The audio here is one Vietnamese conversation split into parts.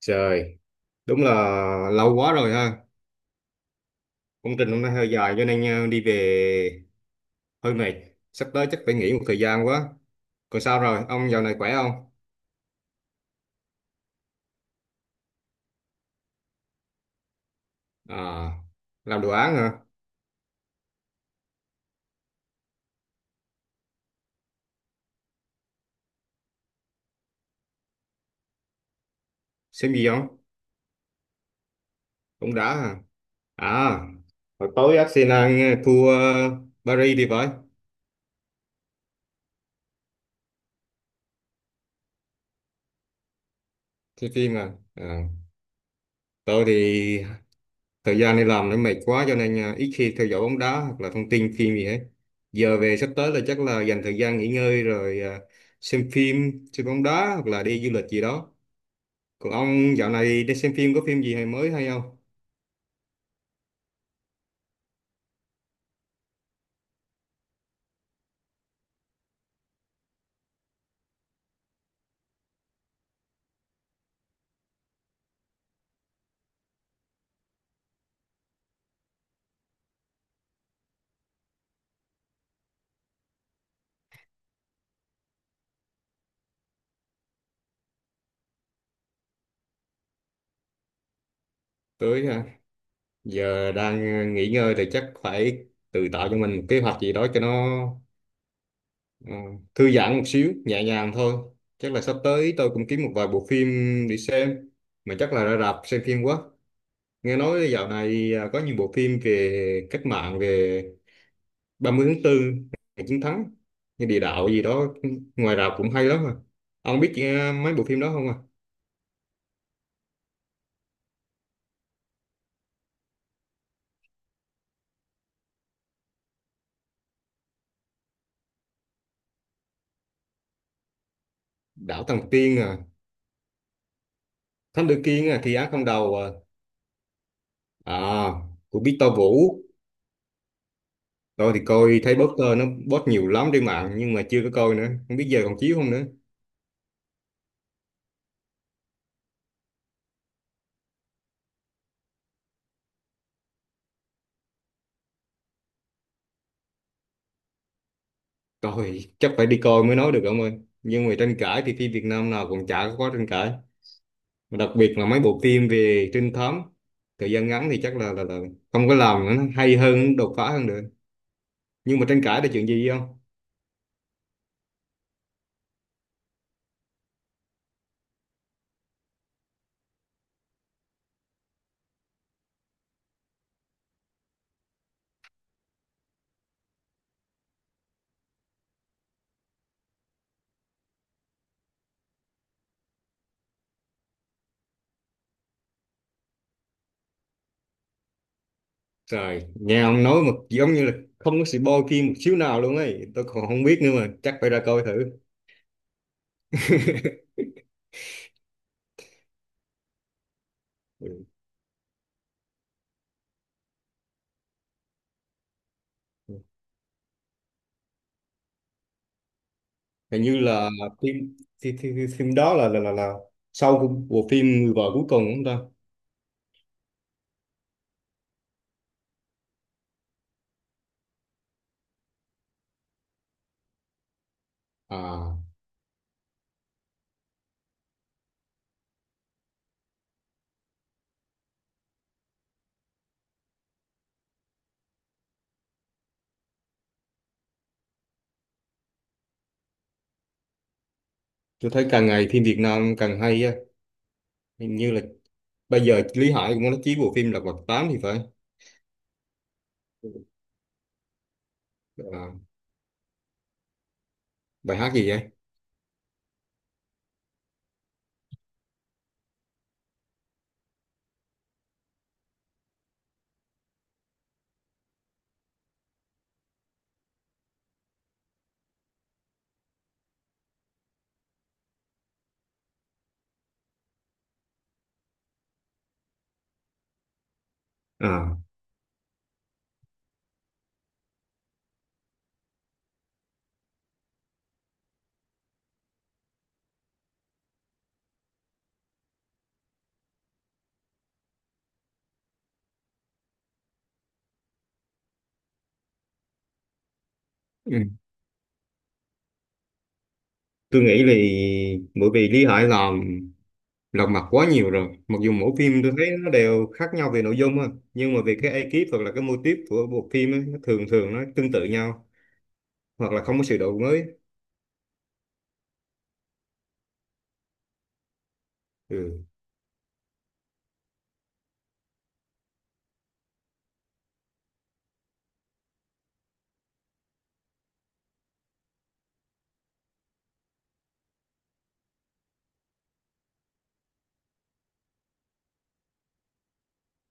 Trời, đúng là lâu quá rồi ha. Công trình hôm nay hơi dài cho nên đi về hơi mệt. Sắp tới chắc phải nghỉ một thời gian quá. Còn sao rồi, ông dạo này khỏe không? À, làm đồ án hả? Xem gì không? Cũng đã hả? À, hồi tối Arsenal thua Paris thì phải. Xem phim à. À. Tôi thì thời gian đi làm nó mệt quá cho nên à, ít khi theo dõi bóng đá hoặc là thông tin phim gì hết. Giờ về sắp tới là chắc là dành thời gian nghỉ ngơi rồi à, xem phim, xem bóng đá hoặc là đi du lịch gì đó. Còn ông dạo này đi xem phim có phim gì hay mới hay không? Tới à, giờ đang à, nghỉ ngơi thì chắc phải tự tạo cho mình một kế hoạch gì đó cho nó à, thư giãn một xíu nhẹ nhàng thôi. Chắc là sắp tới tôi cũng kiếm một vài bộ phim đi xem, mà chắc là ra rạp xem phim quá. Nghe nói dạo này à, có nhiều bộ phim về cách mạng, về 30 tháng 4, ngày chiến thắng, như địa đạo gì đó, ngoài rạp cũng hay lắm à. Ông biết à, mấy bộ phim đó không à? Đảo Tầng Tiên à, Thám Tử Kiên à, Thi Án Không Đầu à, à, của Victor Vũ. Tôi thì coi thấy poster nó post nhiều lắm trên mạng nhưng mà chưa có coi nữa, không biết giờ còn chiếu không nữa. Coi chắc phải đi coi mới nói được ông ơi. Nhưng mà tranh cãi thì phim Việt Nam nào cũng chả có tranh cãi. Mà đặc biệt là mấy bộ phim về trinh thám thời gian ngắn thì chắc là là không có làm nữa, nó hay hơn, đột phá hơn được, nhưng mà tranh cãi là chuyện gì không. Trời, nghe ông nói mà giống như là không có sự bo kim một xíu nào luôn ấy, tôi còn không biết nữa, mà chắc phải ra coi thử. Ừ. Hình như là phim phim đó là là sau của bộ phim Người vợ cuối cùng, đúng không ta? À, tôi thấy càng ngày phim Việt Nam càng hay á. Hình như là bây giờ Lý Hải cũng có nói chí bộ phim Lật Mặt 8 thì phải. À, bài hát gì vậy? À. Ừ. Tôi nghĩ vì bởi vì Lý Hải làm Lật Mặt quá nhiều rồi, mặc dù mỗi phim tôi thấy nó đều khác nhau về nội dung á, nhưng mà về cái ekip hoặc là cái mô típ của bộ phim ấy, nó thường thường nó tương tự nhau, hoặc là không có sự đổi mới. Ừ.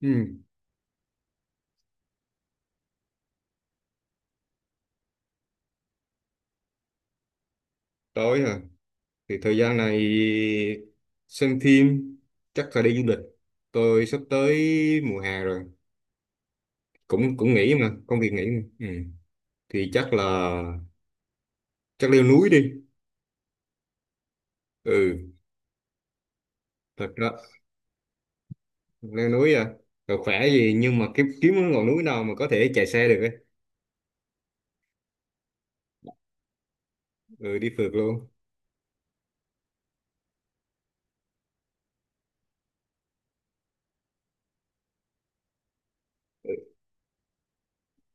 Ừ. Tối à, thì thời gian này xem phim, chắc là đi du lịch. Tôi sắp tới mùa hè rồi cũng cũng nghỉ mà, công việc nghỉ mà. Ừ. Thì chắc là chắc leo núi đi. Ừ. Thật ra leo núi à, rồi khỏe gì, nhưng mà kiếm kiếm cái ngọn núi nào mà có thể chạy xe được ấy. Ừ, đi phượt luôn.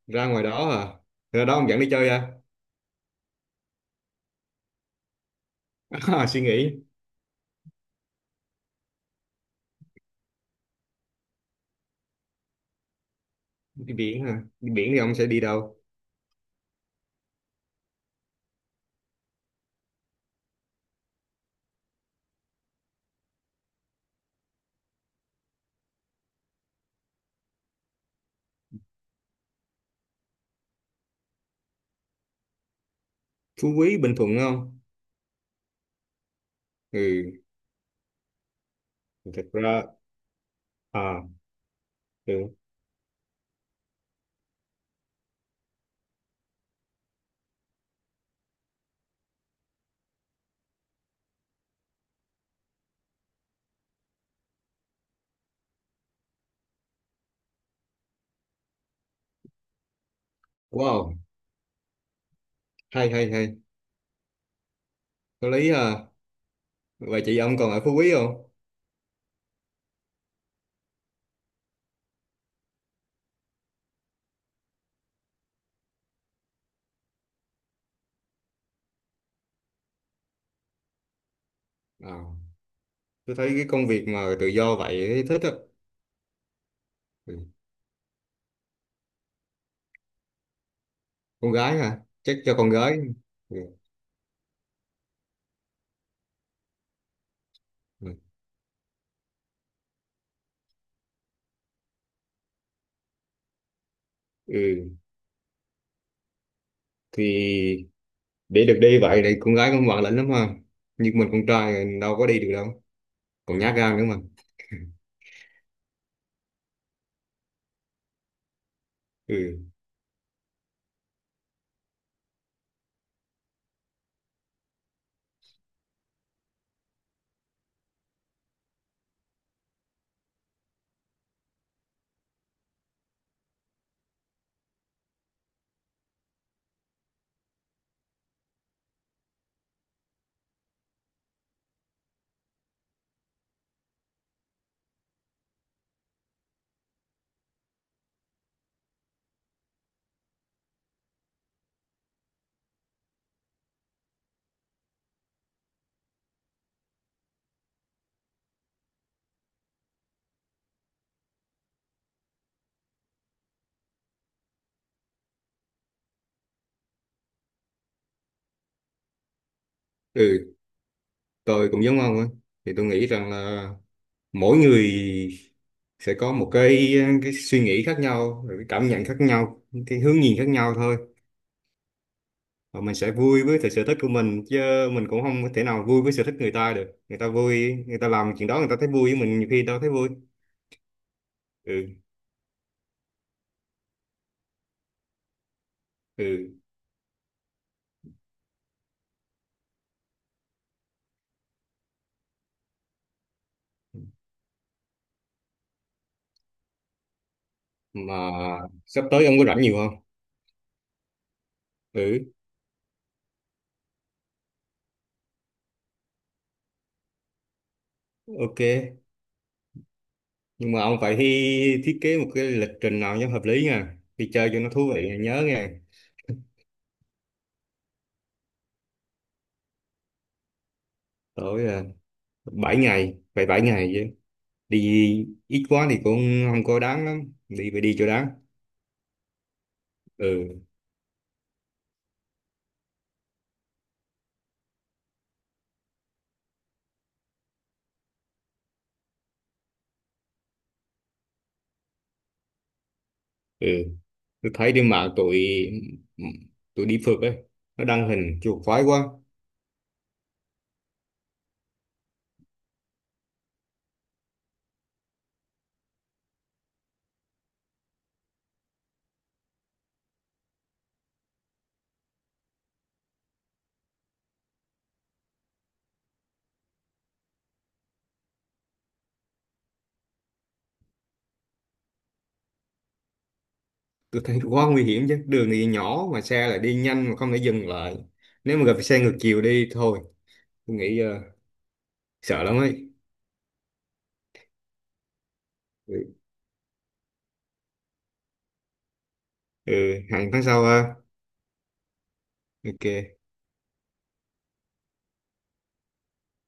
Ra ngoài đó à? Ra đó ông dẫn đi chơi à? À, suy nghĩ. Đi biển à? Đi biển thì ông sẽ đi đâu? Phú Quý Bình Thuận không? Ừ. Thật ra. À. Ừ. Wow, hay hay hay, có lý à. Vậy chị ông còn ở Phú Quý không? À, tôi thấy cái công việc mà tự do vậy thấy thích á. Ừ. Con gái à, chắc cho con gái. Ừ. Ừ. Ừ, thì để được đi vậy thì con gái cũng ngoan lành lắm ha, nhưng mình con trai đâu có đi được đâu, còn nhát gan nữa mà. Ừ. Ừ, tôi cũng giống ông á, thì tôi nghĩ rằng là mỗi người sẽ có một cái suy nghĩ khác nhau, rồi cái cảm nhận khác nhau, cái hướng nhìn khác nhau thôi, và mình sẽ vui với cái sở thích của mình chứ. Mình cũng không có thể nào vui với sở thích người ta được. Người ta vui người ta làm chuyện đó, người ta thấy vui, với mình nhiều khi đâu thấy vui. Ừ. Ừ, mà sắp tới ông có rảnh nhiều không? Ừ. Ok, nhưng mà ông phải thi thiết kế một cái lịch trình nào cho hợp lý nha, đi chơi cho nó thú vị nhớ nha. Tối à, 7 ngày, phải 7 ngày chứ, đi ít quá thì cũng không có đáng lắm, đi phải đi cho đáng. Ừ. Ừ, tôi thấy trên mạng tụi tụi đi phượt ấy, nó đăng hình chuột khoái quá. Tôi thấy quá nguy hiểm chứ, đường thì nhỏ mà xe lại đi nhanh, mà không thể dừng lại nếu mà gặp xe ngược chiều đi thôi, tôi nghĩ sợ lắm ấy. Ừ. Ừ, hẹn tháng sau ha. Ok.